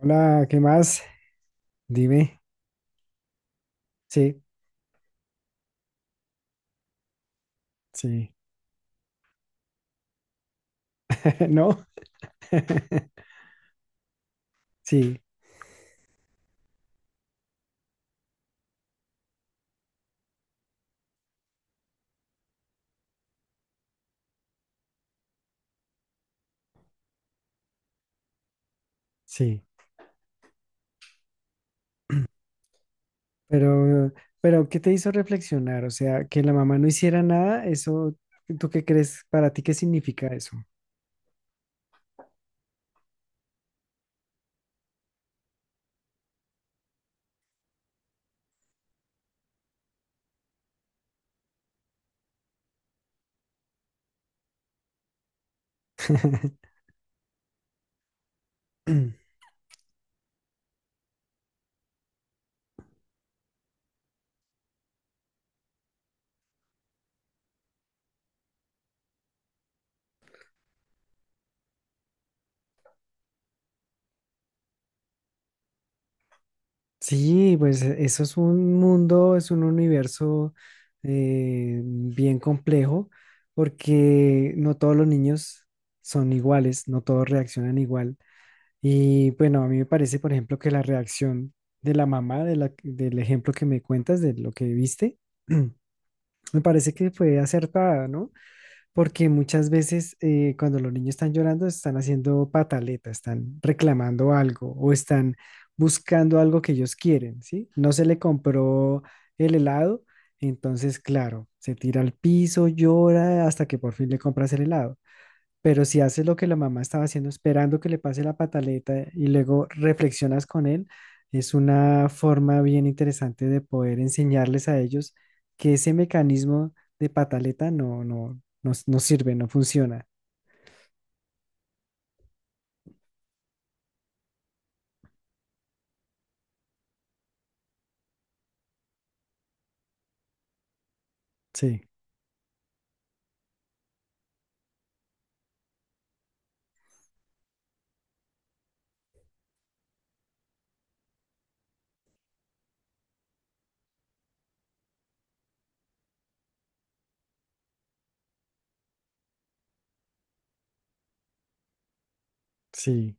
Hola, ¿qué más? Dime. Sí, sí. ¿No? Sí, sí. Pero, pero, ¿qué te hizo reflexionar? O sea, que la mamá no hiciera nada, eso, ¿tú qué crees? ¿Para ti qué significa eso? Sí, pues eso es un mundo, es un universo bien complejo, porque no todos los niños son iguales, no todos reaccionan igual. Y bueno, a mí me parece, por ejemplo, que la reacción de la mamá del ejemplo que me cuentas, de lo que viste. Me parece que fue acertada, ¿no? Porque muchas veces cuando los niños están llorando, están haciendo pataleta, están reclamando algo o están buscando algo que ellos quieren, ¿sí? No se le compró el helado, entonces, claro, se tira al piso, llora hasta que por fin le compras el helado. Pero si haces lo que la mamá estaba haciendo, esperando que le pase la pataleta y luego reflexionas con él, es una forma bien interesante de poder enseñarles a ellos que ese mecanismo de pataleta no sirve, no funciona. Sí, sí.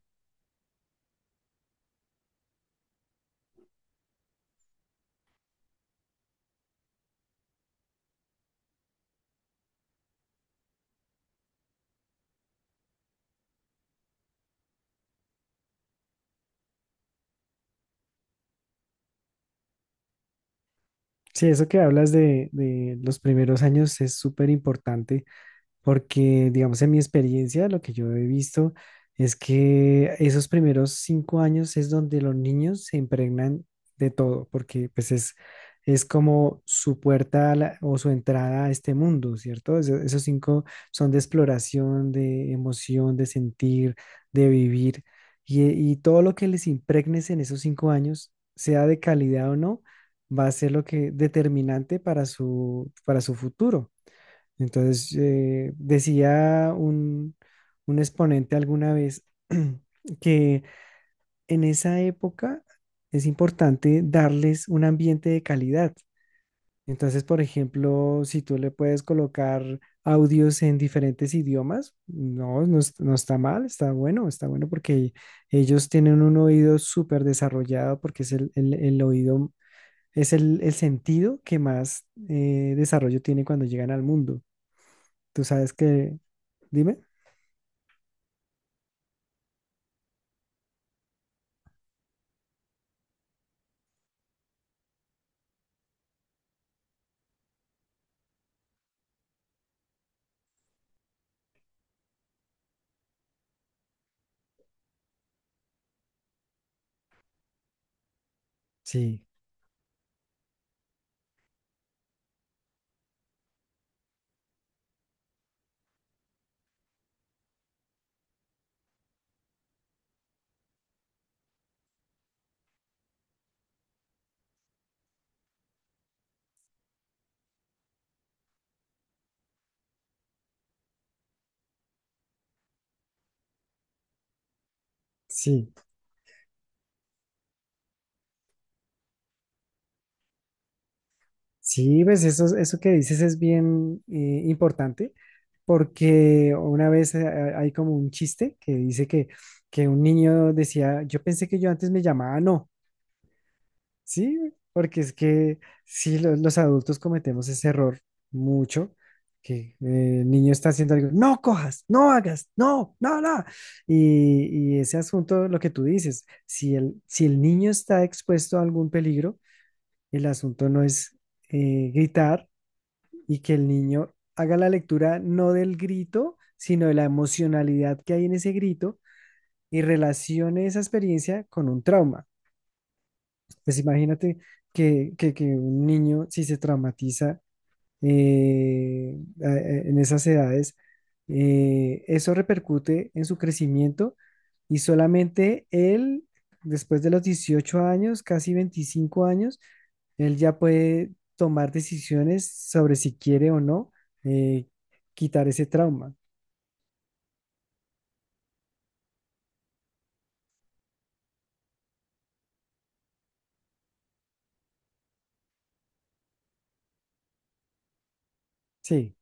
Sí, eso que hablas de los primeros años es súper importante. Porque, digamos, en mi experiencia, lo que yo he visto es que esos primeros 5 años es donde los niños se impregnan de todo, porque pues es como su puerta a o su entrada a este mundo, ¿cierto? Esos 5 son de exploración, de emoción, de sentir, de vivir, y todo lo que les impregnes en esos 5 años, sea de calidad o no, va a ser lo que determinante para para su futuro. Entonces, decía un exponente alguna vez que en esa época es importante darles un ambiente de calidad. Entonces, por ejemplo, si tú le puedes colocar audios en diferentes idiomas, no, no, no está mal, está bueno porque ellos tienen un oído súper desarrollado porque es el oído, es el sentido que más desarrollo tiene cuando llegan al mundo. Tú sabes que Dime. Sí, sí, sí, ves, eso que dices es bien importante porque una vez hay como un chiste que dice que un niño decía, yo pensé que yo antes me llamaba no, ¿sí? Porque es que sí, los adultos cometemos ese error mucho, que el niño está haciendo algo, no cojas, no hagas, no, no, no. Y ese asunto, lo que tú dices, si el, si el niño está expuesto a algún peligro, el asunto no es gritar y que el niño haga la lectura no del grito, sino de la emocionalidad que hay en ese grito y relacione esa experiencia con un trauma. Pues imagínate que un niño, si se traumatiza eh, en esas edades, eso repercute en su crecimiento y solamente él, después de los 18 años, casi 25 años, él ya puede tomar decisiones sobre si quiere o no eh, quitar ese trauma. Sí,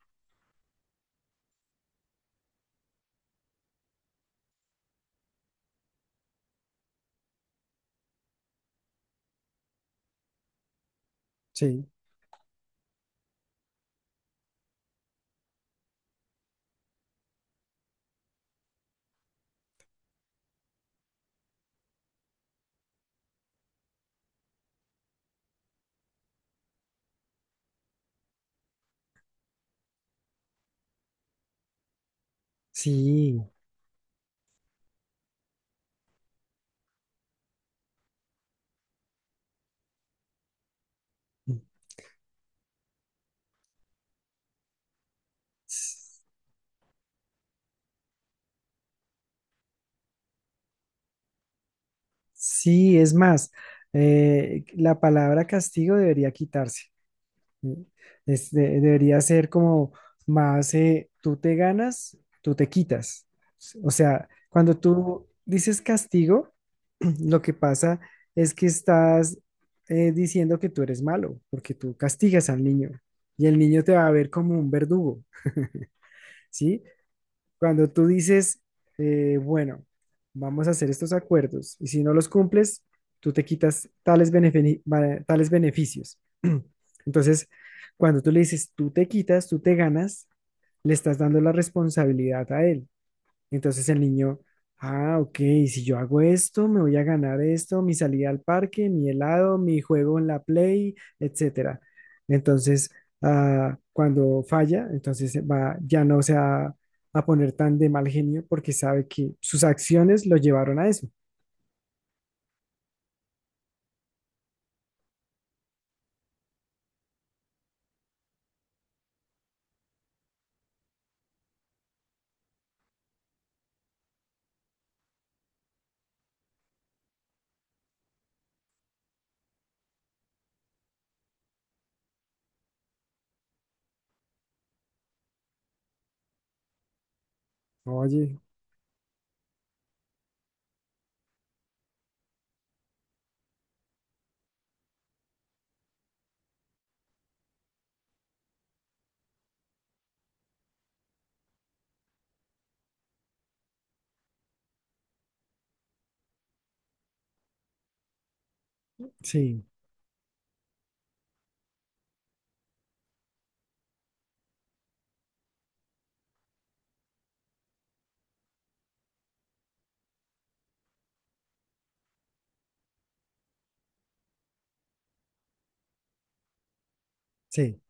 sí, sí. Mm. S- Sí, es más, la palabra castigo debería quitarse. Es debería ser como más, tú te ganas, tú te quitas. O sea, cuando tú dices castigo, lo que pasa es que estás diciendo que tú eres malo, porque tú castigas al niño y el niño te va a ver como un verdugo. ¿Sí? Cuando tú dices, bueno, vamos a hacer estos acuerdos y si no los cumples, tú te quitas tales, tales beneficios. Entonces, cuando tú le dices, tú te quitas, tú te ganas, le estás dando la responsabilidad a él. Entonces el niño, ah, ok, si yo hago esto, me voy a ganar esto, mi salida al parque, mi helado, mi juego en la Play, etcétera. Entonces, ah, cuando falla, entonces va, ya no se va a poner tan de mal genio porque sabe que sus acciones lo llevaron a eso. Oye, sí, sí,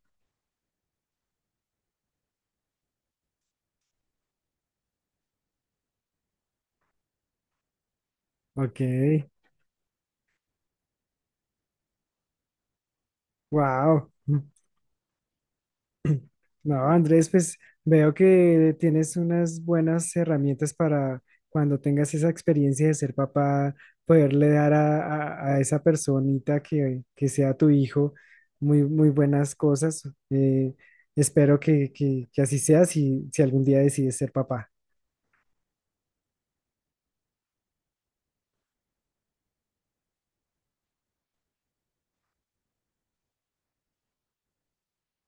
ok, wow. No, Andrés, pues veo que tienes unas buenas herramientas para cuando tengas esa experiencia de ser papá, poderle dar a, a esa personita que sea tu hijo muy, muy buenas cosas. Eh, espero que, que así sea si, si algún día decides ser papá.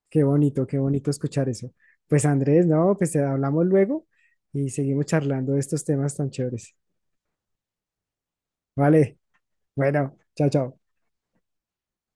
Qué bonito escuchar eso. Pues Andrés, no, pues te hablamos luego y seguimos charlando de estos temas tan chéveres. Vale, bueno, chao, chao.